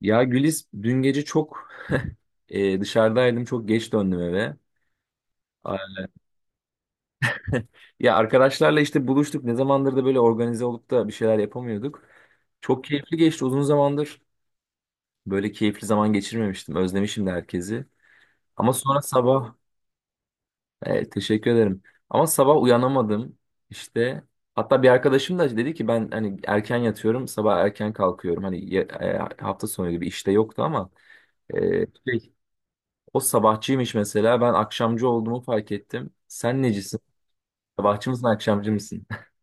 Ya Gülis dün gece çok dışarıdaydım. Çok geç döndüm eve. A- Ya arkadaşlarla işte buluştuk. Ne zamandır da böyle organize olup da bir şeyler yapamıyorduk. Çok keyifli geçti. Uzun zamandır böyle keyifli zaman geçirmemiştim. Özlemişim de herkesi. Ama sonra sabah... teşekkür ederim. Ama sabah uyanamadım. İşte hatta bir arkadaşım da dedi ki ben hani erken yatıyorum, sabah erken kalkıyorum. Hani hafta sonu gibi işte yoktu ama e, şey, o sabahçıymış mesela. Ben akşamcı olduğumu fark ettim. Sen necisin? Sabahçı mısın, akşamcı mısın?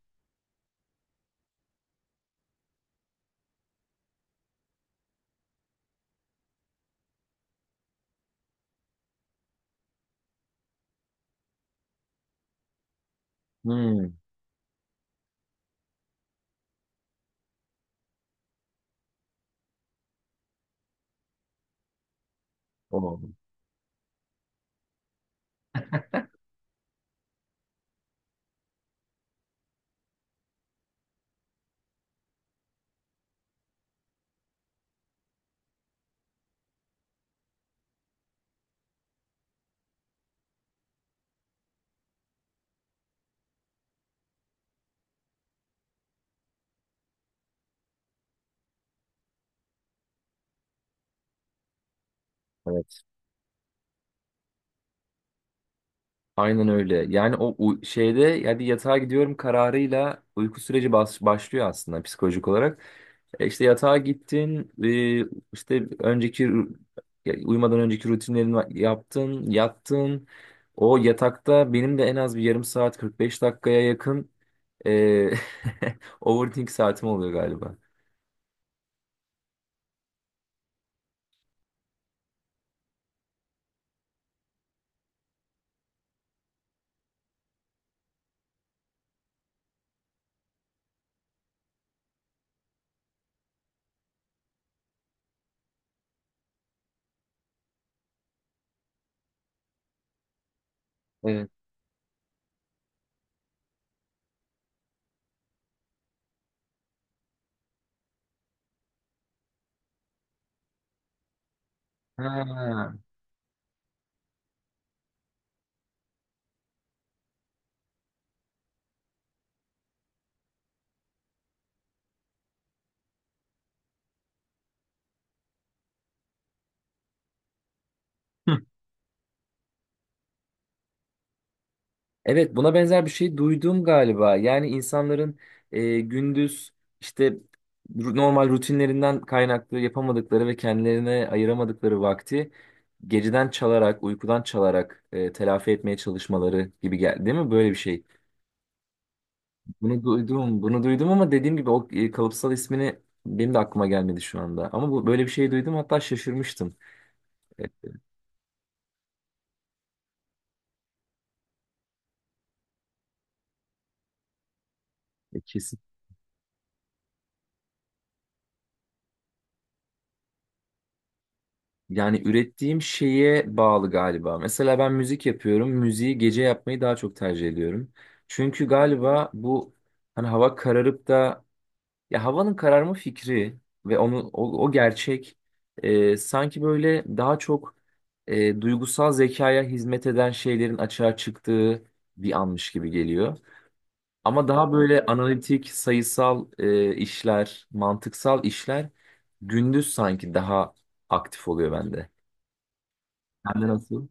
Hmm, o. Evet. Aynen öyle. Yani o şeyde yani yatağa gidiyorum kararıyla uyku süreci başlıyor aslında psikolojik olarak. E işte yatağa gittin, işte önceki ya uyumadan önceki rutinlerini yaptın, yattın. O yatakta benim de en az bir yarım saat 45 dakikaya yakın e, overthink saatim oluyor galiba. Ha. Hı. Evet, buna benzer bir şey duydum galiba. Yani insanların gündüz işte normal rutinlerinden kaynaklı yapamadıkları ve kendilerine ayıramadıkları vakti geceden çalarak, uykudan çalarak telafi etmeye çalışmaları gibi geldi, değil mi? Böyle bir şey. Bunu duydum, bunu duydum ama dediğim gibi o kalıpsal ismini benim de aklıma gelmedi şu anda. Ama bu böyle bir şey duydum, hatta şaşırmıştım. E, e, Yani ürettiğim şeye bağlı galiba. Mesela ben müzik yapıyorum. Müziği gece yapmayı daha çok tercih ediyorum. Çünkü galiba bu hani hava kararıp da ya havanın kararma fikri ve onu o gerçek sanki böyle daha çok duygusal zekaya hizmet eden şeylerin açığa çıktığı bir anmış gibi geliyor. Ama daha böyle analitik, sayısal işler, mantıksal işler gündüz sanki daha aktif oluyor bende. Sende nasıl?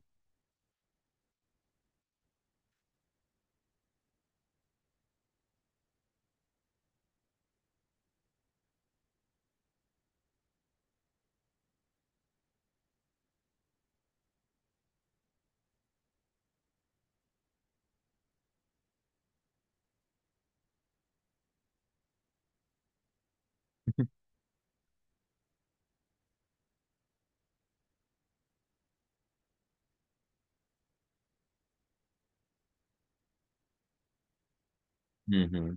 Hı hı.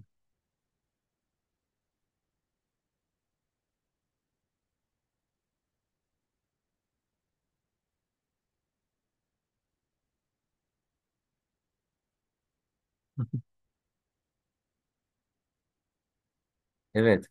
Evet.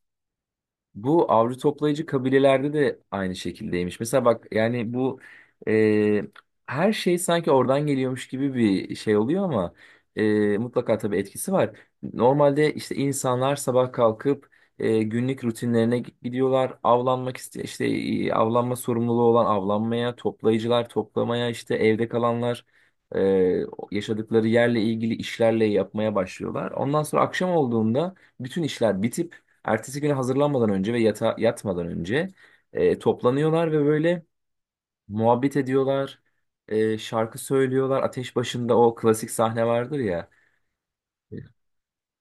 Bu avcı toplayıcı kabilelerde de aynı şekildeymiş. Mesela bak yani bu e, her şey sanki oradan geliyormuş gibi bir şey oluyor ama mutlaka tabii etkisi var. Normalde işte insanlar sabah kalkıp günlük rutinlerine gidiyorlar. Avlanmak iste işte avlanma sorumluluğu olan avlanmaya, toplayıcılar toplamaya, işte evde kalanlar e, yaşadıkları yerle ilgili işlerle yapmaya başlıyorlar. Ondan sonra akşam olduğunda bütün işler bitip ertesi güne hazırlanmadan önce ve yatmadan önce toplanıyorlar ve böyle muhabbet ediyorlar. Şarkı söylüyorlar. Ateş başında o klasik sahne vardır ya.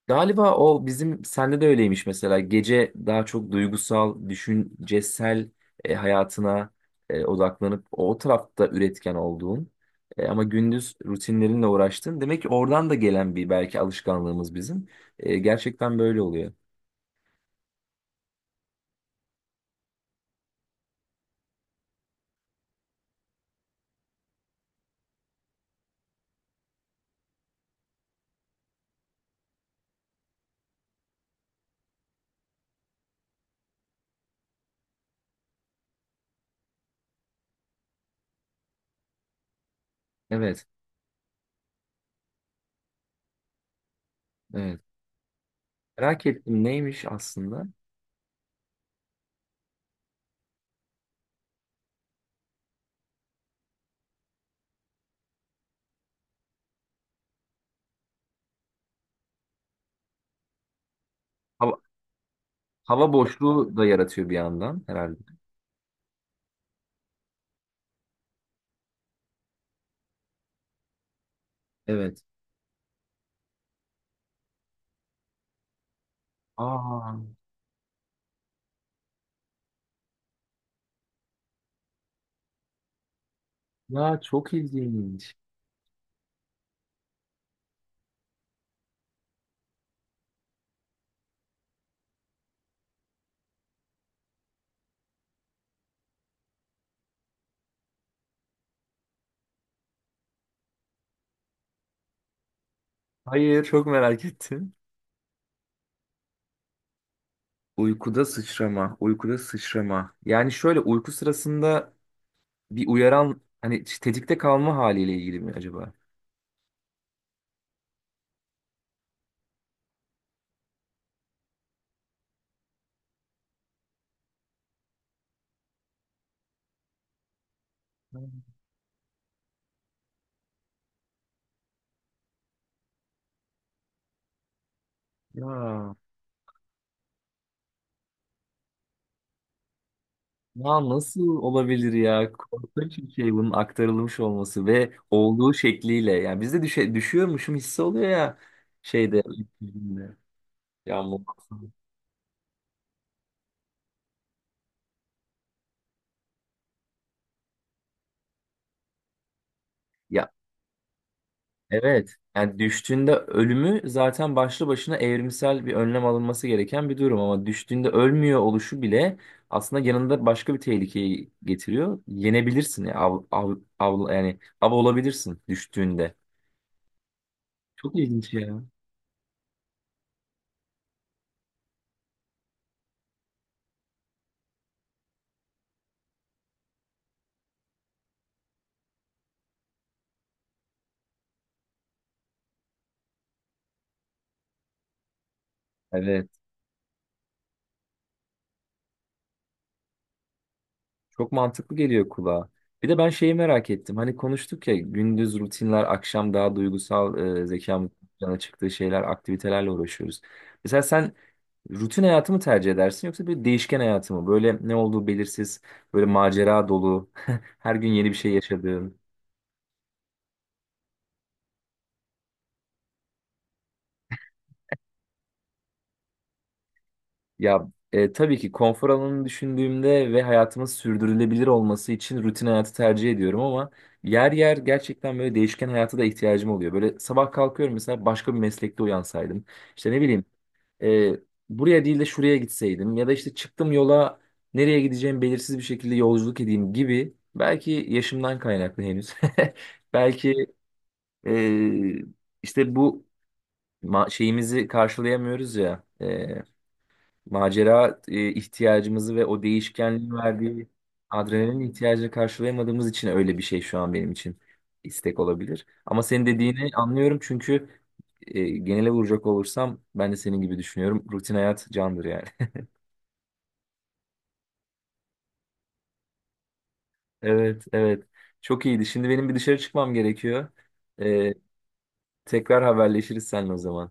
Galiba o bizim sende de öyleymiş mesela. Gece daha çok duygusal, düşüncesel hayatına odaklanıp o tarafta üretken olduğun ama gündüz rutinlerinle uğraştın. Demek ki oradan da gelen bir belki alışkanlığımız bizim. Gerçekten böyle oluyor. Evet, evet. Merak ettim neymiş aslında? Hava, hava boşluğu da yaratıyor bir yandan herhalde. Evet. Aa, ya çok ilginç. Hayır, çok merak ettim. Uykuda sıçrama, uykuda sıçrama. Yani şöyle uyku sırasında bir uyaran hani tetikte kalma haliyle ilgili mi acaba? Ya, nasıl olabilir ya? Korkunç bir şey bunun aktarılmış olması ve olduğu şekliyle. Yani bizde düşüyormuşum hissi oluyor ya şeyde. Ya muhakkak. Ya evet. Yani düştüğünde ölümü zaten başlı başına evrimsel bir önlem alınması gereken bir durum ama düştüğünde ölmüyor oluşu bile aslında yanında başka bir tehlikeyi getiriyor. Yenebilirsin ya yani av olabilirsin düştüğünde. Çok ilginç ya. Evet. Çok mantıklı geliyor kulağa. Bir de ben şeyi merak ettim. Hani konuştuk ya gündüz rutinler, akşam daha duygusal zekamızın yana çıktığı şeyler, aktivitelerle uğraşıyoruz. Mesela sen rutin hayatı mı tercih edersin yoksa bir değişken hayatı mı? Böyle ne olduğu belirsiz, böyle macera dolu, her gün yeni bir şey yaşadığın. Ya tabii ki konfor alanını düşündüğümde ve hayatımın sürdürülebilir olması için rutin hayatı tercih ediyorum ama yer yer gerçekten böyle değişken hayata da ihtiyacım oluyor. Böyle sabah kalkıyorum mesela başka bir meslekte uyansaydım. İşte ne bileyim e, buraya değil de şuraya gitseydim ya da işte çıktım yola nereye gideceğim belirsiz bir şekilde yolculuk edeyim gibi. Belki yaşımdan kaynaklı henüz. Belki e, işte bu şeyimizi karşılayamıyoruz ya. Macera ihtiyacımızı ve o değişkenliğin verdiği adrenalin ihtiyacını karşılayamadığımız için öyle bir şey şu an benim için istek olabilir. Ama senin dediğini anlıyorum çünkü genele vuracak olursam ben de senin gibi düşünüyorum. Rutin hayat candır yani. Evet, evet. Çok iyiydi. Şimdi benim bir dışarı çıkmam gerekiyor. E, Tekrar haberleşiriz seninle o zaman.